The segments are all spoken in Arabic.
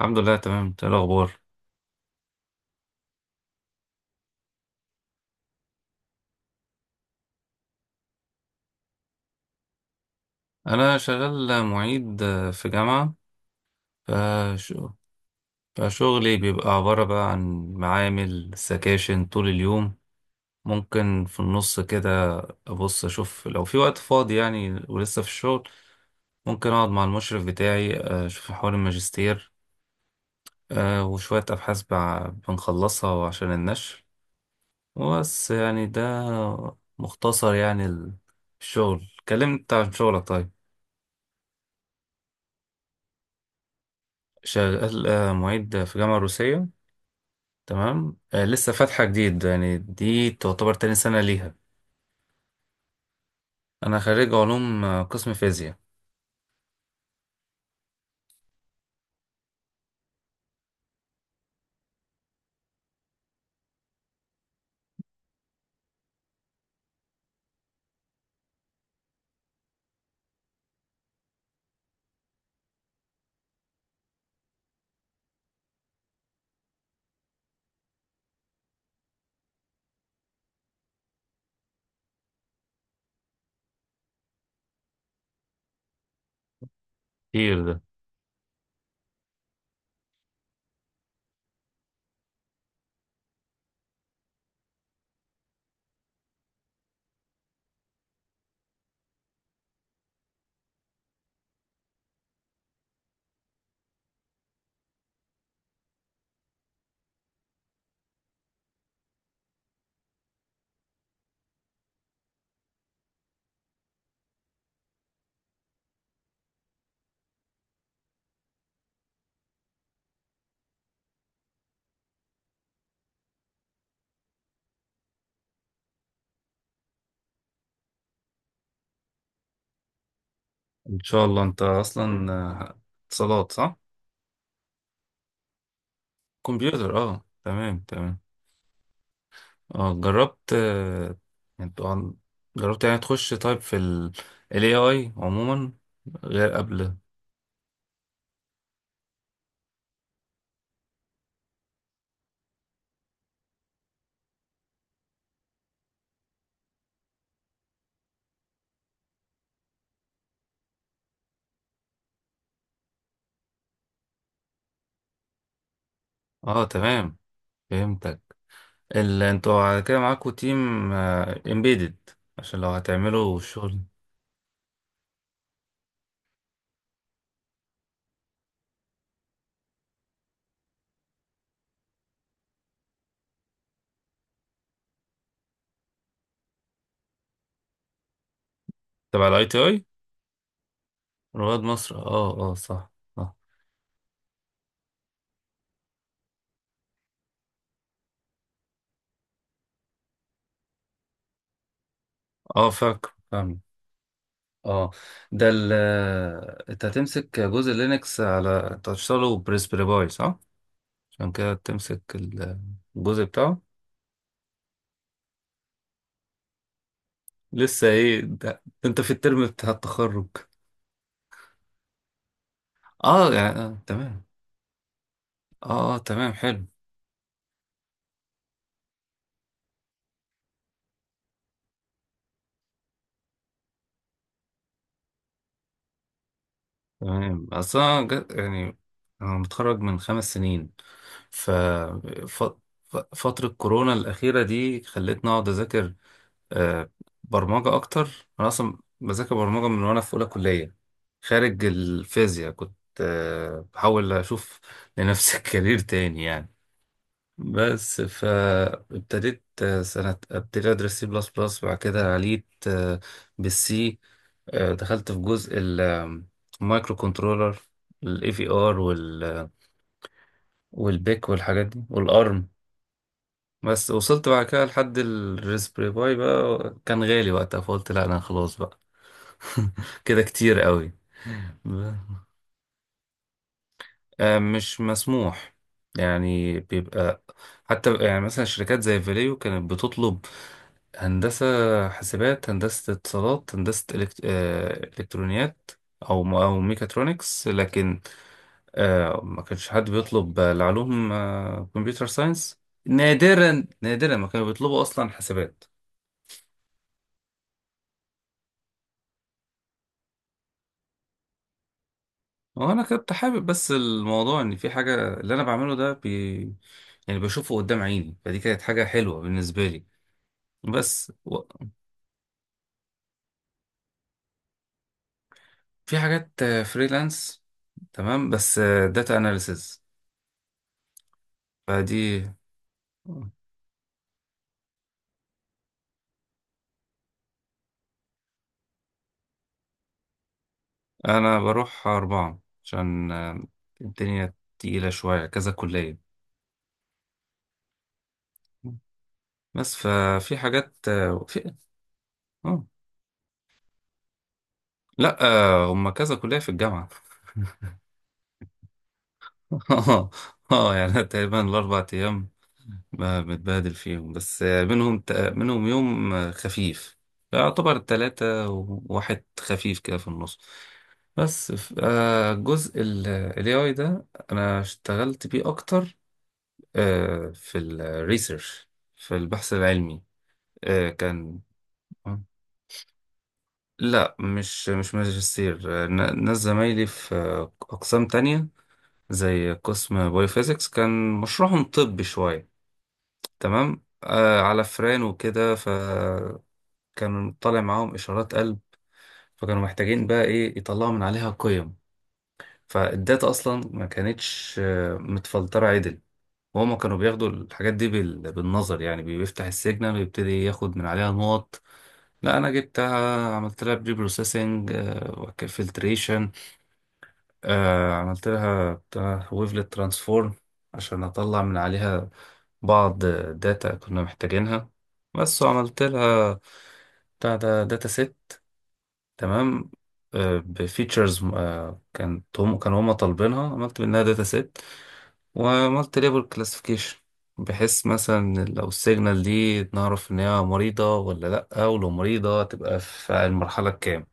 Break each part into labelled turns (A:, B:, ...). A: الحمد لله، تمام. إنت إيه الاخبار؟ انا شغال معيد في جامعه. فش... فشغلي بيبقى عباره بقى عن معامل سكاشن طول اليوم. ممكن في النص كده ابص اشوف لو في وقت فاضي يعني، ولسه في الشغل ممكن اقعد مع المشرف بتاعي اشوف حوار الماجستير. وشويه ابحاث بنخلصها عشان النشر. بس يعني ده مختصر يعني الشغل، كلمت عن شغلك طيب. شغال معيد في جامعة روسية. تمام، لسه فاتحة جديد يعني، دي تعتبر تاني سنة ليها. أنا خريج علوم قسم فيزياء. كتير ده. إن شاء الله. أنت أصلا اتصالات صح؟ كمبيوتر، أه تمام تمام. أه جربت يعني طبعاً جربت يعني تخش طيب في ال AI عموما غير قبل. أه تمام، فهمتك. ال أنتوا على كده معاكوا تيم امبيدد عشان لو هتعملوا الشغل. تبع ال ITI؟ رواد مصر، اه اه صح. اه اه فاكر، فاهم. اه. ده ال انت هتمسك جزء لينكس على انت هتشتغله بريسبري باي صح؟ عشان كده تمسك الجزء بتاعه. لسه ايه ده، انت في الترم بتاع التخرج؟ اه يعني تمام. اه، تمام حلو. تمام، اصل انا يعني انا متخرج من خمس سنين. ف ف- فترة كورونا الأخيرة دي خلتني أقعد أذاكر آه، برمجة أكتر. أنا أصلا بذاكر برمجة من وأنا في أولى كلية، خارج الفيزياء كنت بحاول أشوف لنفسي كارير تاني يعني. بس فابتديت سنة ابتديت أدرس سي بلس بلس، بعد كده عليت بالسي. دخلت في جزء المايكرو كنترولر، الاي في ار والبيك والحاجات دي والارم. بس وصلت بعد كده لحد الريسبري باي، بقى كان غالي وقتها فقلت لا انا خلاص بقى. كده كتير قوي. ب- مش مسموح يعني. بيبقى حتى يعني مثلا شركات زي فاليو كانت بتطلب هندسة حاسبات، هندسة اتصالات، هندسة إلكترونيات، أو أو ميكاترونكس. لكن ما كانش حد بيطلب العلوم، كمبيوتر ساينس. نادرا نادرا ما كانوا بيطلبوا أصلا حاسبات. هو انا كنت حابب، بس الموضوع ان في حاجه اللي انا بعمله ده يعني بشوفه قدام عيني، فدي كانت حاجه حلوه بالنسبه لي. بس في حاجات فريلانس تمام، بس داتا اناليسز فدي. انا بروح اربعه عشان الدنيا تقيله شويه، كذا كليه. بس ففي حاجات في. آه. لا، هما كذا كليه في الجامعه. اه يعني تقريبا الاربع ايام ما بتبادل فيهم، بس منهم منهم يوم خفيف، يعتبر تلاتة وواحد خفيف كده في النص. بس الجزء ال AI ده أنا اشتغلت بيه أكتر في الريسيرش، في البحث العلمي. كان لا، مش ماجستير. ناس زمايلي في أقسام تانية زي قسم بايوفيزيكس كان مشروعهم طبي شوية. تمام، على فران وكده كان طالع معاهم إشارات قلب، فكانوا محتاجين بقى إيه يطلعوا من عليها قيم. فالداتا أصلا ما كانتش متفلترة عدل، وهما كانوا بياخدوا الحاجات دي بالنظر، يعني بيفتح السيجنال ويبتدي ياخد من عليها نقط. لا أنا جبتها، عملت لها بري بروسيسنج، فلتريشن، عملت لها بتاع ويفلت ترانسفورم عشان أطلع من عليها بعض داتا كنا محتاجينها. بس وعملت لها بتاع ده، داتا سيت تمام بفيتشرز. كانوا هم طالبينها، عملت منها داتا سيت وعملت ليبل كلاسيفيكيشن، بحيث مثلا لو السيجنال دي نعرف ان هي مريضة ولا لأ، ولو مريضة تبقى في المرحلة الكام.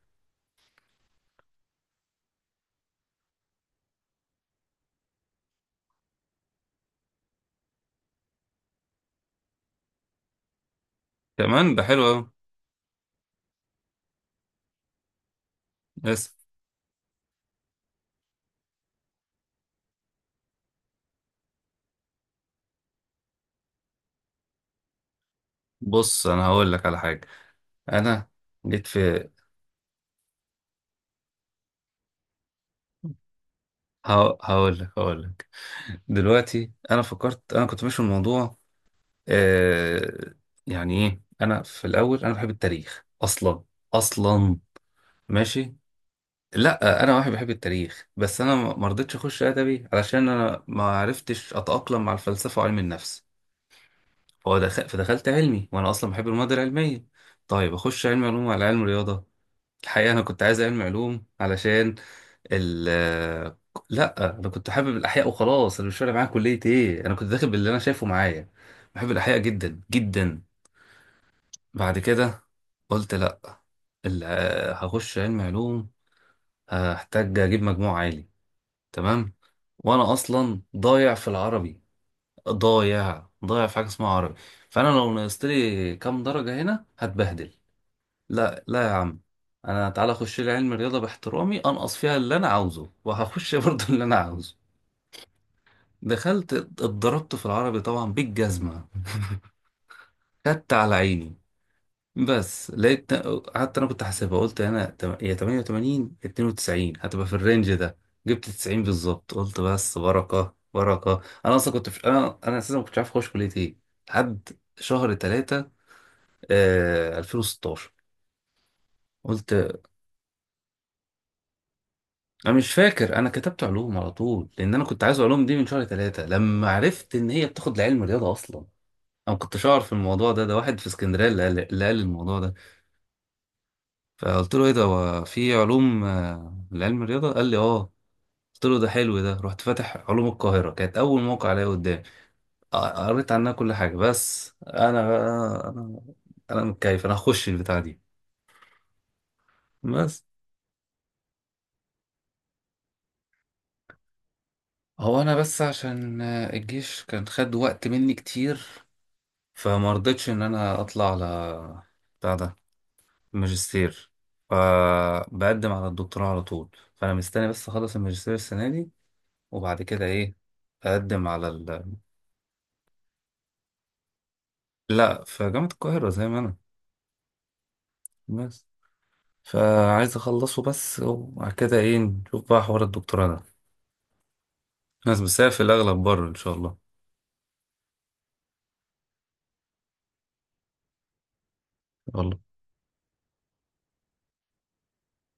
A: كمان ده حلو أوي. بس بص انا هقول لك على حاجة. انا جيت في هقول لك. دلوقتي انا فكرت، انا كنت ماشي في الموضوع آه يعني ايه. انا في الاول انا بحب التاريخ اصلا، اصلا. ماشي. لا انا واحد بحب التاريخ، بس انا ما رضيتش اخش ادبي، علشان انا ما عرفتش اتاقلم مع الفلسفه وعلم النفس. فهو دخل فدخلت علمي، وانا اصلا بحب المواد العلميه. طيب اخش علم علوم على علم رياضه. الحقيقه انا كنت عايز علم علوم علشان ال لا، انا كنت حابب الاحياء وخلاص. انا مش فارق معايا كليه ايه، انا كنت داخل باللي انا شايفه معايا. بحب الاحياء جدا جدا. بعد كده قلت لا، ال- هخش علم علوم هحتاج اجيب مجموع عالي، تمام. وانا اصلا ضايع في العربي، ضايع ضايع في حاجه اسمها عربي. فانا لو نقصت لي كام درجه هنا هتبهدل. لا لا يا عم، انا تعالى اخش لي علم الرياضه، باحترامي انقص فيها اللي انا عاوزه، وهخش برضه اللي انا عاوزه. دخلت اتضربت في العربي طبعا بالجزمه. خدت على عيني. بس لقيت، قعدت انا كنت حاسبها، قلت انا يا 88 92 هتبقى في الرينج ده، جبت 90 بالظبط. قلت بس، بركه بركه. انا اصلا كنت انا اساسا ما كنتش عارف اخش كليه ايه لحد شهر 3، 2016. قلت، انا مش فاكر، انا كتبت علوم على طول لان انا كنت عايز علوم دي من شهر 3 لما عرفت ان هي بتاخد لعلم رياضه. اصلا انا ما كنتش اعرف الموضوع ده. ده واحد في اسكندريه اللي قال الموضوع ده. فقلت له ايه ده، هو في علوم لعلم الرياضه؟ قال لي اه. قلت له ده حلو ده، رحت فاتح علوم القاهرة كانت أول موقع الاقيه قدامي. قريت عنها كل حاجة. بس أنا بقى، أنا أنا متكيف، أنا هخش البتاع دي. بس هو أنا بس عشان الجيش كان خد وقت مني كتير، فما رضيتش إن أنا أطلع على بتاع ده الماجستير، فبقدم على الدكتوراه على طول. فأنا مستني بس أخلص الماجستير السنة دي، وبعد كده إيه أقدم على لا، في جامعة القاهرة زي ما أنا. بس فعايز اخلصه بس، وبعد كده ايه نشوف بقى حوار الدكتوراه ده. بس هي في الاغلب بره ان شاء الله. والله.